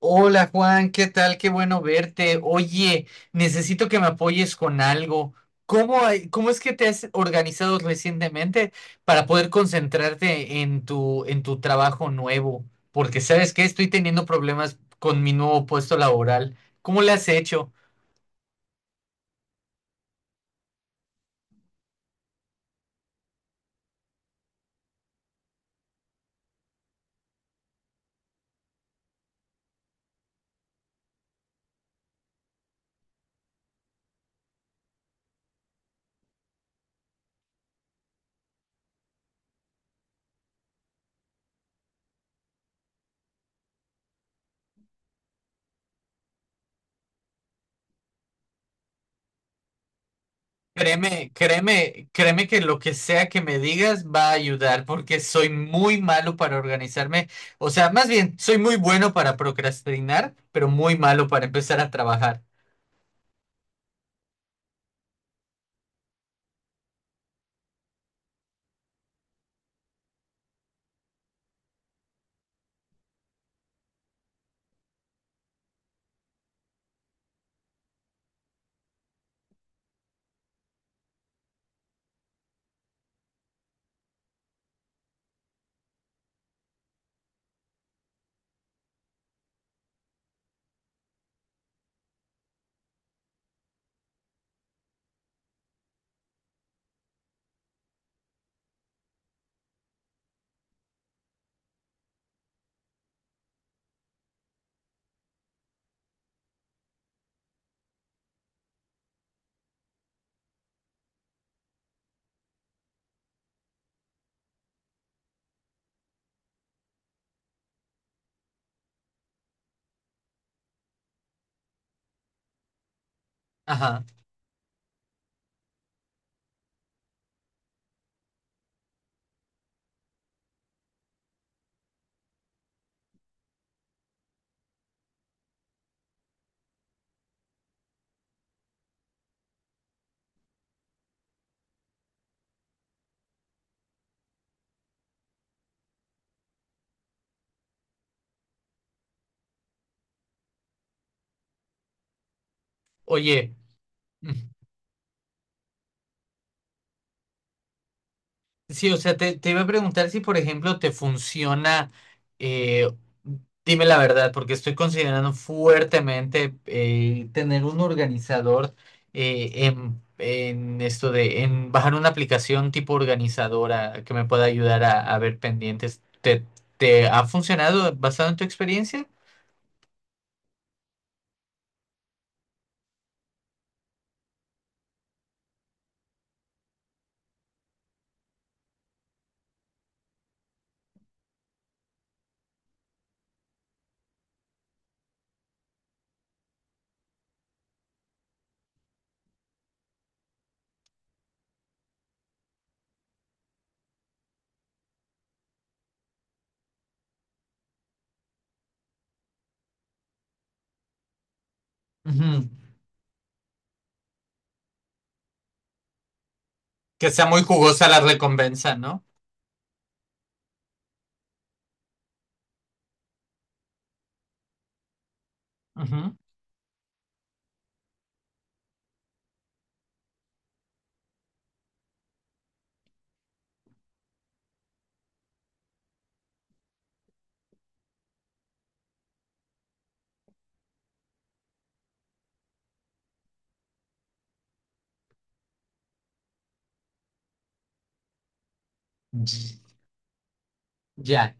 Hola Juan, ¿qué tal? Qué bueno verte. Oye, necesito que me apoyes con algo. ¿Cómo, cómo es que te has organizado recientemente para poder concentrarte en tu trabajo nuevo? Porque sabes que estoy teniendo problemas con mi nuevo puesto laboral. ¿Cómo le has hecho? Créeme, créeme, créeme que lo que sea que me digas va a ayudar porque soy muy malo para organizarme. O sea, más bien, soy muy bueno para procrastinar, pero muy malo para empezar a trabajar. Ajá. Oye, mm, sí, o sea, te iba a preguntar si, por ejemplo, te funciona, eh, dime la verdad, porque estoy considerando fuertemente tener un organizador en esto de, en bajar una aplicación tipo organizadora que me pueda ayudar a ver pendientes. ¿Te, te ha funcionado basado en tu experiencia? Ujú. Que sea muy jugosa la recompensa, ¿no? Ujú. Ya,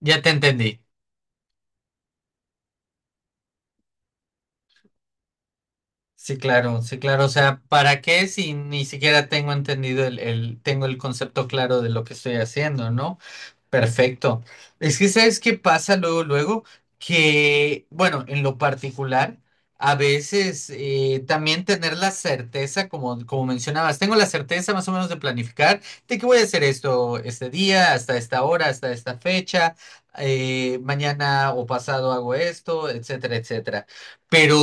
ya te entendí. Sí, claro, sí, claro. O sea, ¿para qué si ni siquiera tengo entendido el, tengo el concepto claro de lo que estoy haciendo, ¿no? Perfecto. Es que, ¿sabes qué pasa luego, luego? Que, bueno, en lo particular, a veces también tener la certeza, como, como mencionabas, tengo la certeza más o menos de planificar de que voy a hacer esto este día, hasta esta hora, hasta esta fecha, mañana o pasado hago esto, etcétera, etcétera. Pero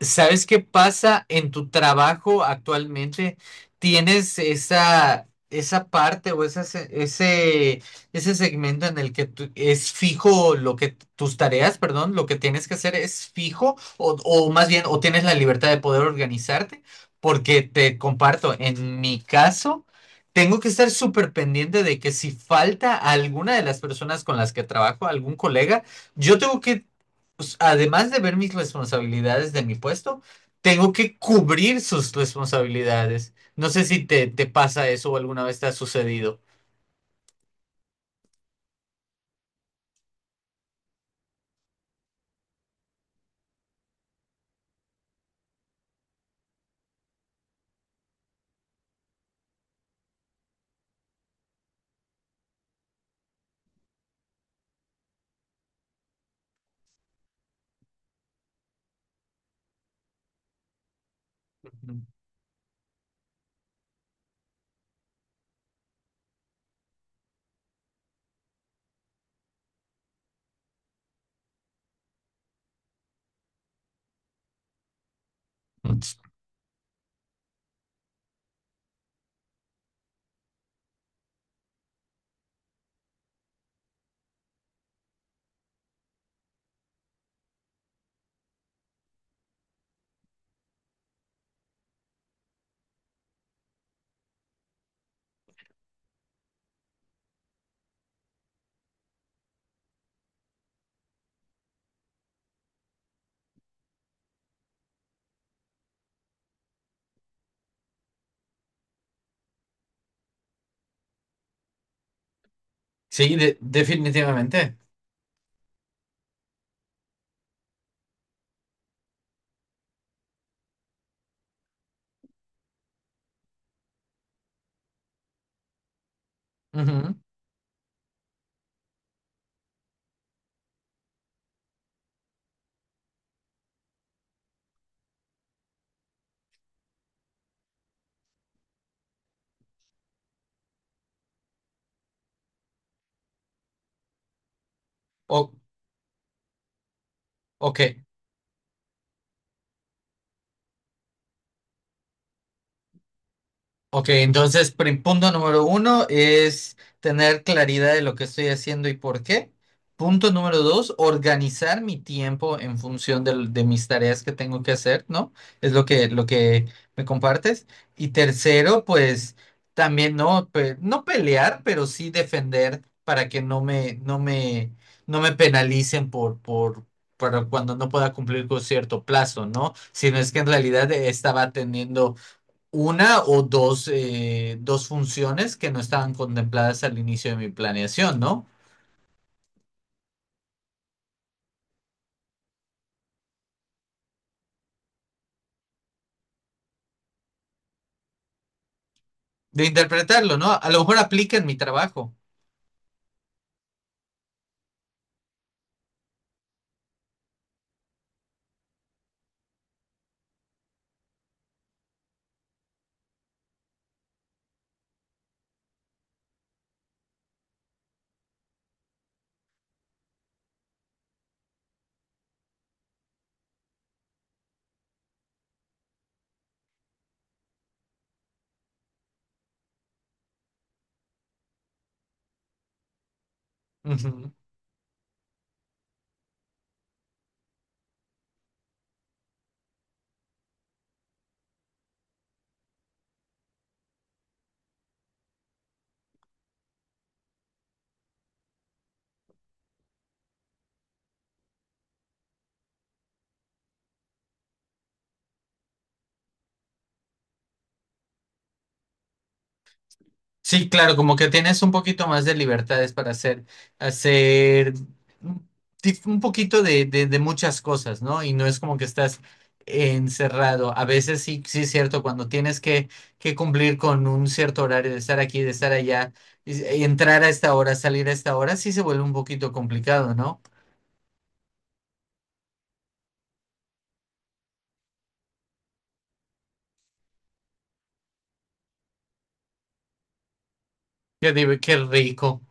¿sabes qué pasa en tu trabajo actualmente? ¿Tienes esa, esa parte o esa ese, ese segmento en el que es fijo lo que tus tareas, perdón, lo que tienes que hacer es fijo o más bien o tienes la libertad de poder organizarte? Porque te comparto, en mi caso, tengo que estar súper pendiente de que si falta alguna de las personas con las que trabajo, algún colega, yo tengo que pues, además de ver mis responsabilidades de mi puesto, tengo que cubrir sus responsabilidades. No sé si te pasa eso o alguna vez te ha sucedido. Ujú. Sí, definitivamente. Ujú. O, ok. Ok, entonces, punto número uno es tener claridad de lo que estoy haciendo y por qué. Punto número dos, organizar mi tiempo en función de mis tareas que tengo que hacer, ¿no? Es lo que me compartes. Y tercero, pues también no, no pelear, pero sí defender para que no me, no me, no me penalicen por cuando no pueda cumplir con cierto plazo, ¿no? Sino es que en realidad estaba teniendo una o dos, dos funciones que no estaban contempladas al inicio de mi planeación, ¿no? De interpretarlo, ¿no? A lo mejor aplica en mi trabajo. Ujú. Sí, claro, como que tienes un poquito más de libertades para hacer, hacer un un poquito de, de muchas cosas, ¿no? Y no es como que estás encerrado. A veces sí, sí es cierto, cuando tienes que cumplir con un cierto horario de estar aquí, de estar allá, y entrar a esta hora, salir a esta hora, sí se vuelve un poquito complicado, ¿no? Yo digo, qué rico.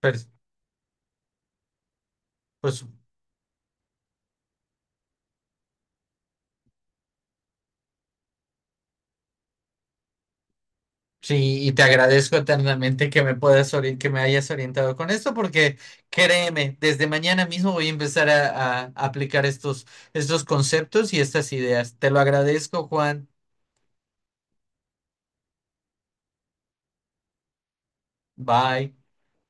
Pues, pues sí, y te agradezco eternamente que me puedas que me hayas orientado con esto, porque créeme, desde mañana mismo voy a empezar a aplicar estos, estos conceptos y estas ideas. Te lo agradezco, Juan. Bye.